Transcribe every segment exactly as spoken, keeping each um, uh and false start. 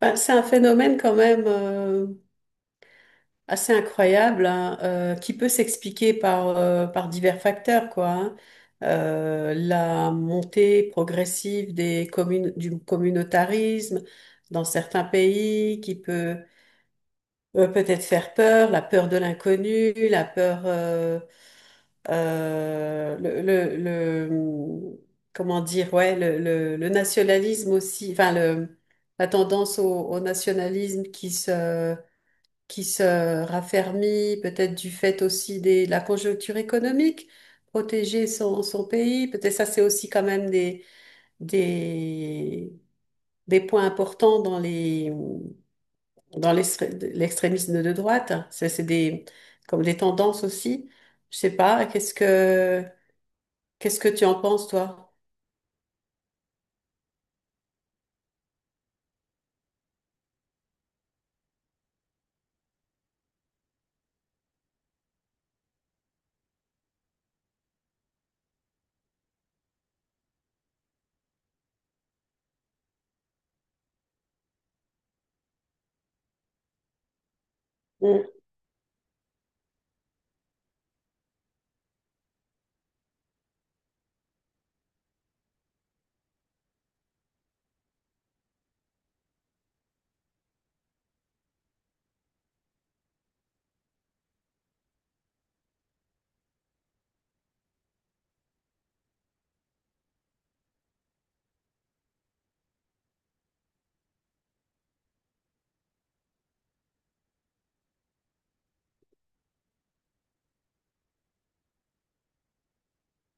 Ben, c'est un phénomène quand même euh, assez incroyable hein, euh, qui peut s'expliquer par, euh, par divers facteurs, quoi. Hein. Euh, la montée progressive des communes, du communautarisme dans certains pays qui peut euh, peut-être faire peur, la peur de l'inconnu, la peur, euh, euh, le, le, le- comment dire, ouais, le, le, le nationalisme aussi, enfin le, la tendance au, au nationalisme qui se, qui se raffermit, peut-être du fait aussi des, de la conjoncture économique, protéger son, son pays, peut-être ça c'est aussi quand même des, des, des points importants dans les dans l'extré- l'extrémisme de droite. Ça, c'est des, comme des tendances aussi. Je sais pas, qu'est-ce que, qu'est-ce que tu en penses, toi? Mm.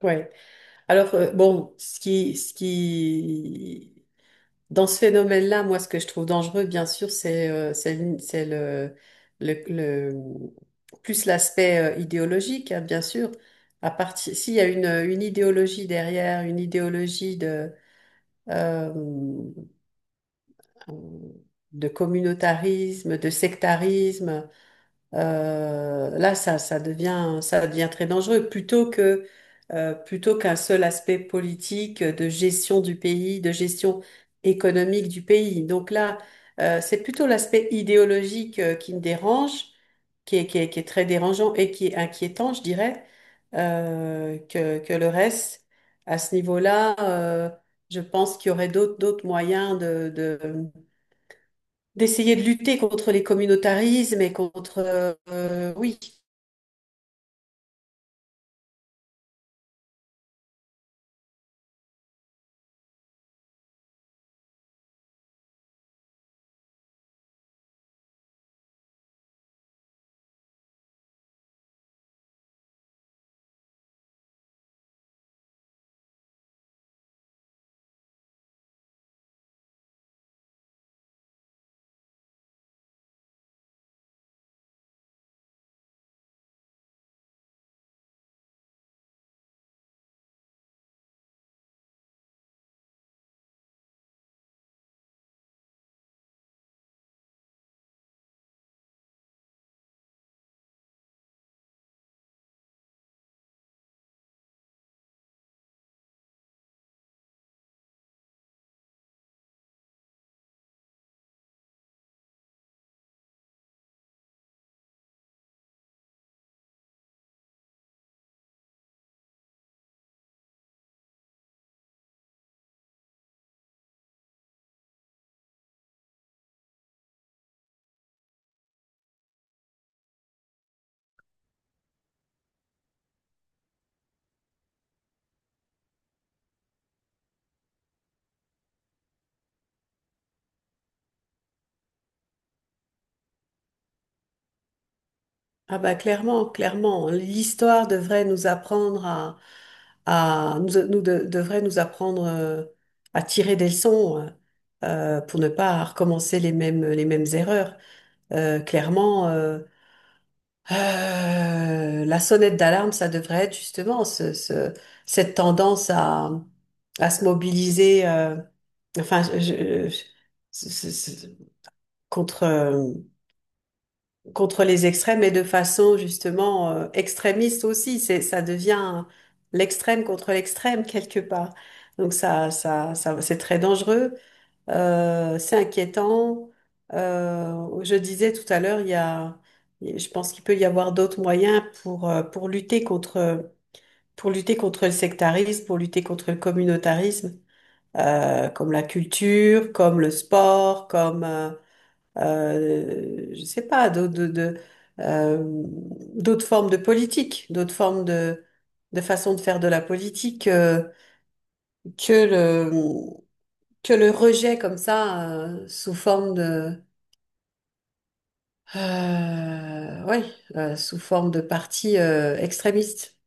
Ouais. Alors, euh, bon, ce qui, ce qui, dans ce phénomène-là, moi, ce que je trouve dangereux, bien sûr, c'est euh, c'est le, c'est le, le- le- plus l'aspect euh, idéologique, hein, bien sûr. À partir, s'il y a une, une idéologie derrière, une idéologie de, euh, de communautarisme, de sectarisme. Euh, là, ça, ça devient, ça devient très dangereux. Plutôt que, euh, plutôt qu'un seul aspect politique euh, de gestion du pays, de gestion économique du pays. Donc là, euh, c'est plutôt l'aspect idéologique euh, qui me dérange, qui est, qui est, qui est très dérangeant et qui est inquiétant, je dirais, euh, que, que le reste. À ce niveau-là, euh, je pense qu'il y aurait d'autres, d'autres moyens de, de d'essayer de lutter contre les communautarismes et contre... euh, euh, oui, ah bah clairement, clairement, l'histoire devrait nous apprendre à, à nous, nous de- devrait nous apprendre euh, à tirer des leçons euh, pour ne pas recommencer les mêmes, les mêmes erreurs. Euh, clairement, euh, euh, la sonnette d'alarme, ça devrait être justement ce, ce- cette tendance à, à se mobiliser. euh, enfin, je, je- contre euh, contre les extrêmes et de façon justement euh, extrémiste aussi. C'est ça devient l'extrême contre l'extrême quelque part. Donc ça ça ça c'est très dangereux, euh, c'est inquiétant. Euh, je disais tout à l'heure, il y a je pense qu'il peut y avoir d'autres moyens pour euh, pour lutter contre pour lutter contre le sectarisme, pour lutter contre le communautarisme, euh, comme la culture, comme le sport, comme euh, euh, je sais pas, d'autres de, de, euh, d'autres formes de politique, d'autres formes de, de façon de faire de la politique euh, que le, que le rejet comme ça euh, sous forme de, euh, ouais, euh, sous forme de parti euh, extrémiste.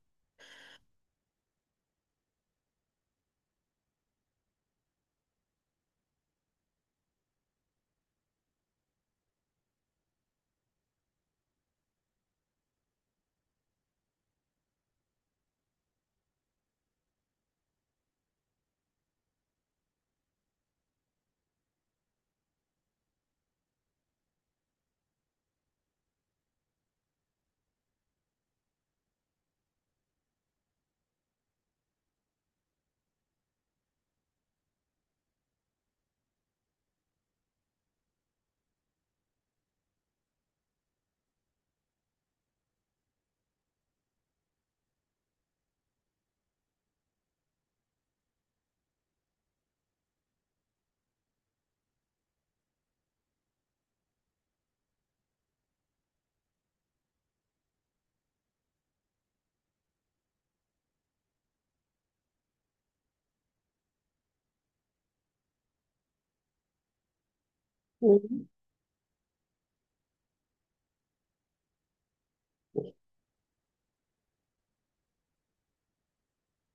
Mm.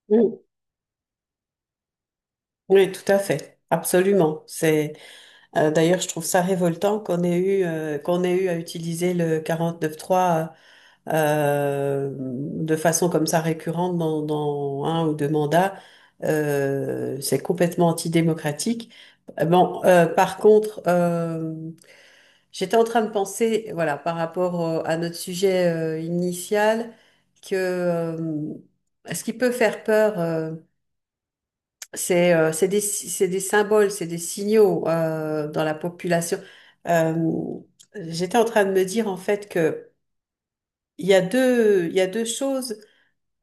Mm. Oui, tout à fait. Absolument. C'est euh, D'ailleurs, je trouve ça révoltant qu'on ait eu euh, qu'on ait eu à utiliser le quarante neuf trois euh, de façon comme ça récurrente dans, dans un ou deux mandats, euh, c'est complètement antidémocratique. Euh, Bon, euh, par contre, euh, j'étais en train de penser, voilà, par rapport euh, à notre sujet euh, initial, que euh, ce qui peut faire peur, euh, c'est euh, c'est des, si, c'est des symboles, c'est des signaux euh, dans la population. Euh, J'étais en train de me dire en fait que il y a deux, il y a deux choses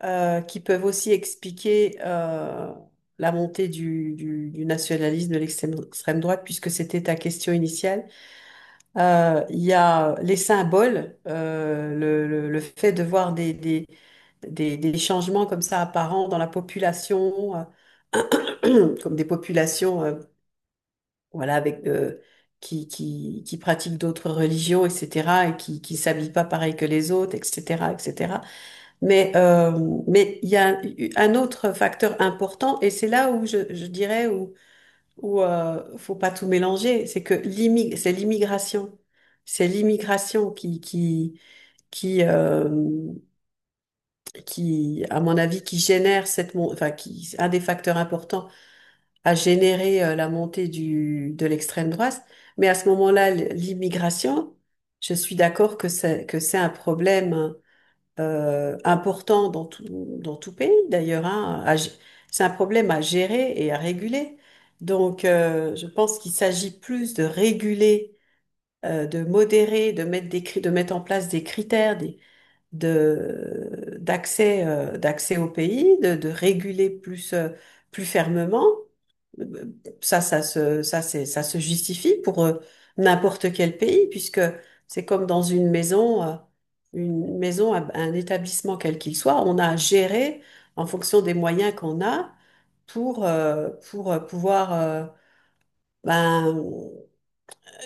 euh, qui peuvent aussi expliquer euh, la montée du, du- du nationalisme, de l'extrême extrême droite, puisque c'était ta question initiale. Euh, Il y a les symboles, euh, le, le- le fait de voir des, des, des- des changements comme ça apparents dans la population, euh, comme des populations euh, voilà, avec, euh, qui, qui, qui pratiquent d'autres religions, et cætera, et qui ne s'habillent pas pareil que les autres, et cætera, et cætera. Mais euh, mais il y a un un autre facteur important et c'est là où je, je dirais où où euh, faut pas tout mélanger, c'est que l'immi- c'est l'immigration, c'est l'immigration qui qui qui euh, qui à mon avis qui génère cette mon- enfin qui un des facteurs importants à générer euh, la montée du de l'extrême droite. Mais à ce moment-là, l- l'immigration, je suis d'accord que c'est que c'est un problème hein euh, important dans tout, dans tout pays d'ailleurs. Hein, à gé- c'est un problème à gérer et à réguler. Donc, euh, je pense qu'il s'agit plus de réguler, euh, de modérer, de mettre des, cri- de mettre en place des critères des- de, d'accès, euh, d'accès au pays, de, de réguler plus, euh, plus fermement. Ça, ça se, ça, c'est, ça se justifie pour euh, n'importe quel pays, puisque c'est comme dans une maison, euh, une maison, un un établissement quel qu'il soit. On a géré en fonction des moyens qu'on a pour, euh, pour euh, pouvoir euh, ben,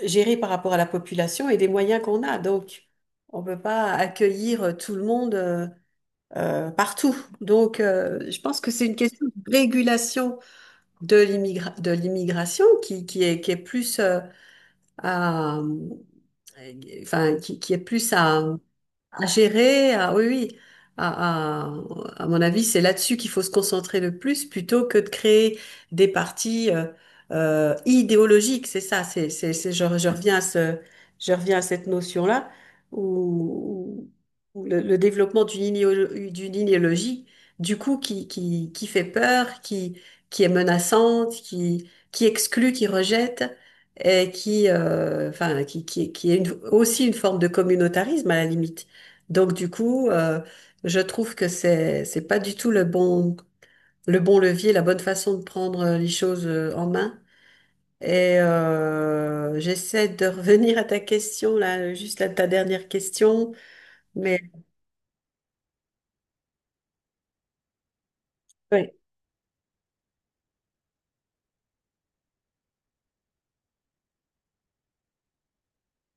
gérer par rapport à la population et des moyens qu'on a. Donc, on ne peut pas accueillir tout le monde euh, euh, partout. Donc, euh, je pense que c'est une question de régulation de l'immigra- de l'immigration qui, qui est, qui est plus euh, à, euh, enfin, qui, qui est plus à, à gérer, à, oui, oui. À, à, à mon avis, c'est là-dessus qu'il faut se concentrer le plus plutôt que de créer des partis euh, euh, idéologiques. C'est ça, c'est, c'est, c'est, je, je reviens à ce, je reviens à cette notion-là où, où le, le développement d'une idéolo- d'une idéologie, du coup, qui, qui, qui fait peur, qui, qui est menaçante, qui, qui exclut, qui rejette et qui, euh, enfin, qui, qui, qui est une- aussi une forme de communautarisme à la limite. Donc, du coup, euh, je trouve que c'est, c'est pas du tout le bon, le bon levier, la bonne façon de prendre euh, les choses euh, en main. Et euh, j'essaie de revenir à ta question, là, juste à ta dernière question. Mais oui,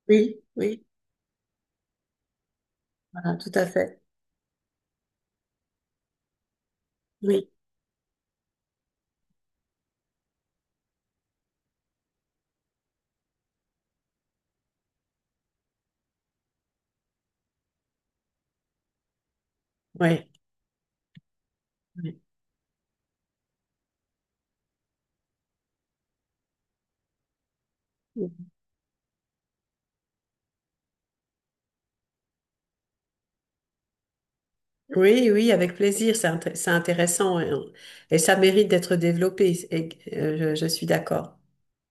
oui, oui, voilà, tout à fait. Oui, oui. Oui, oui, oui, avec plaisir, c'est int- c'est intéressant et, et ça mérite d'être développé. Et, euh, je je suis d'accord.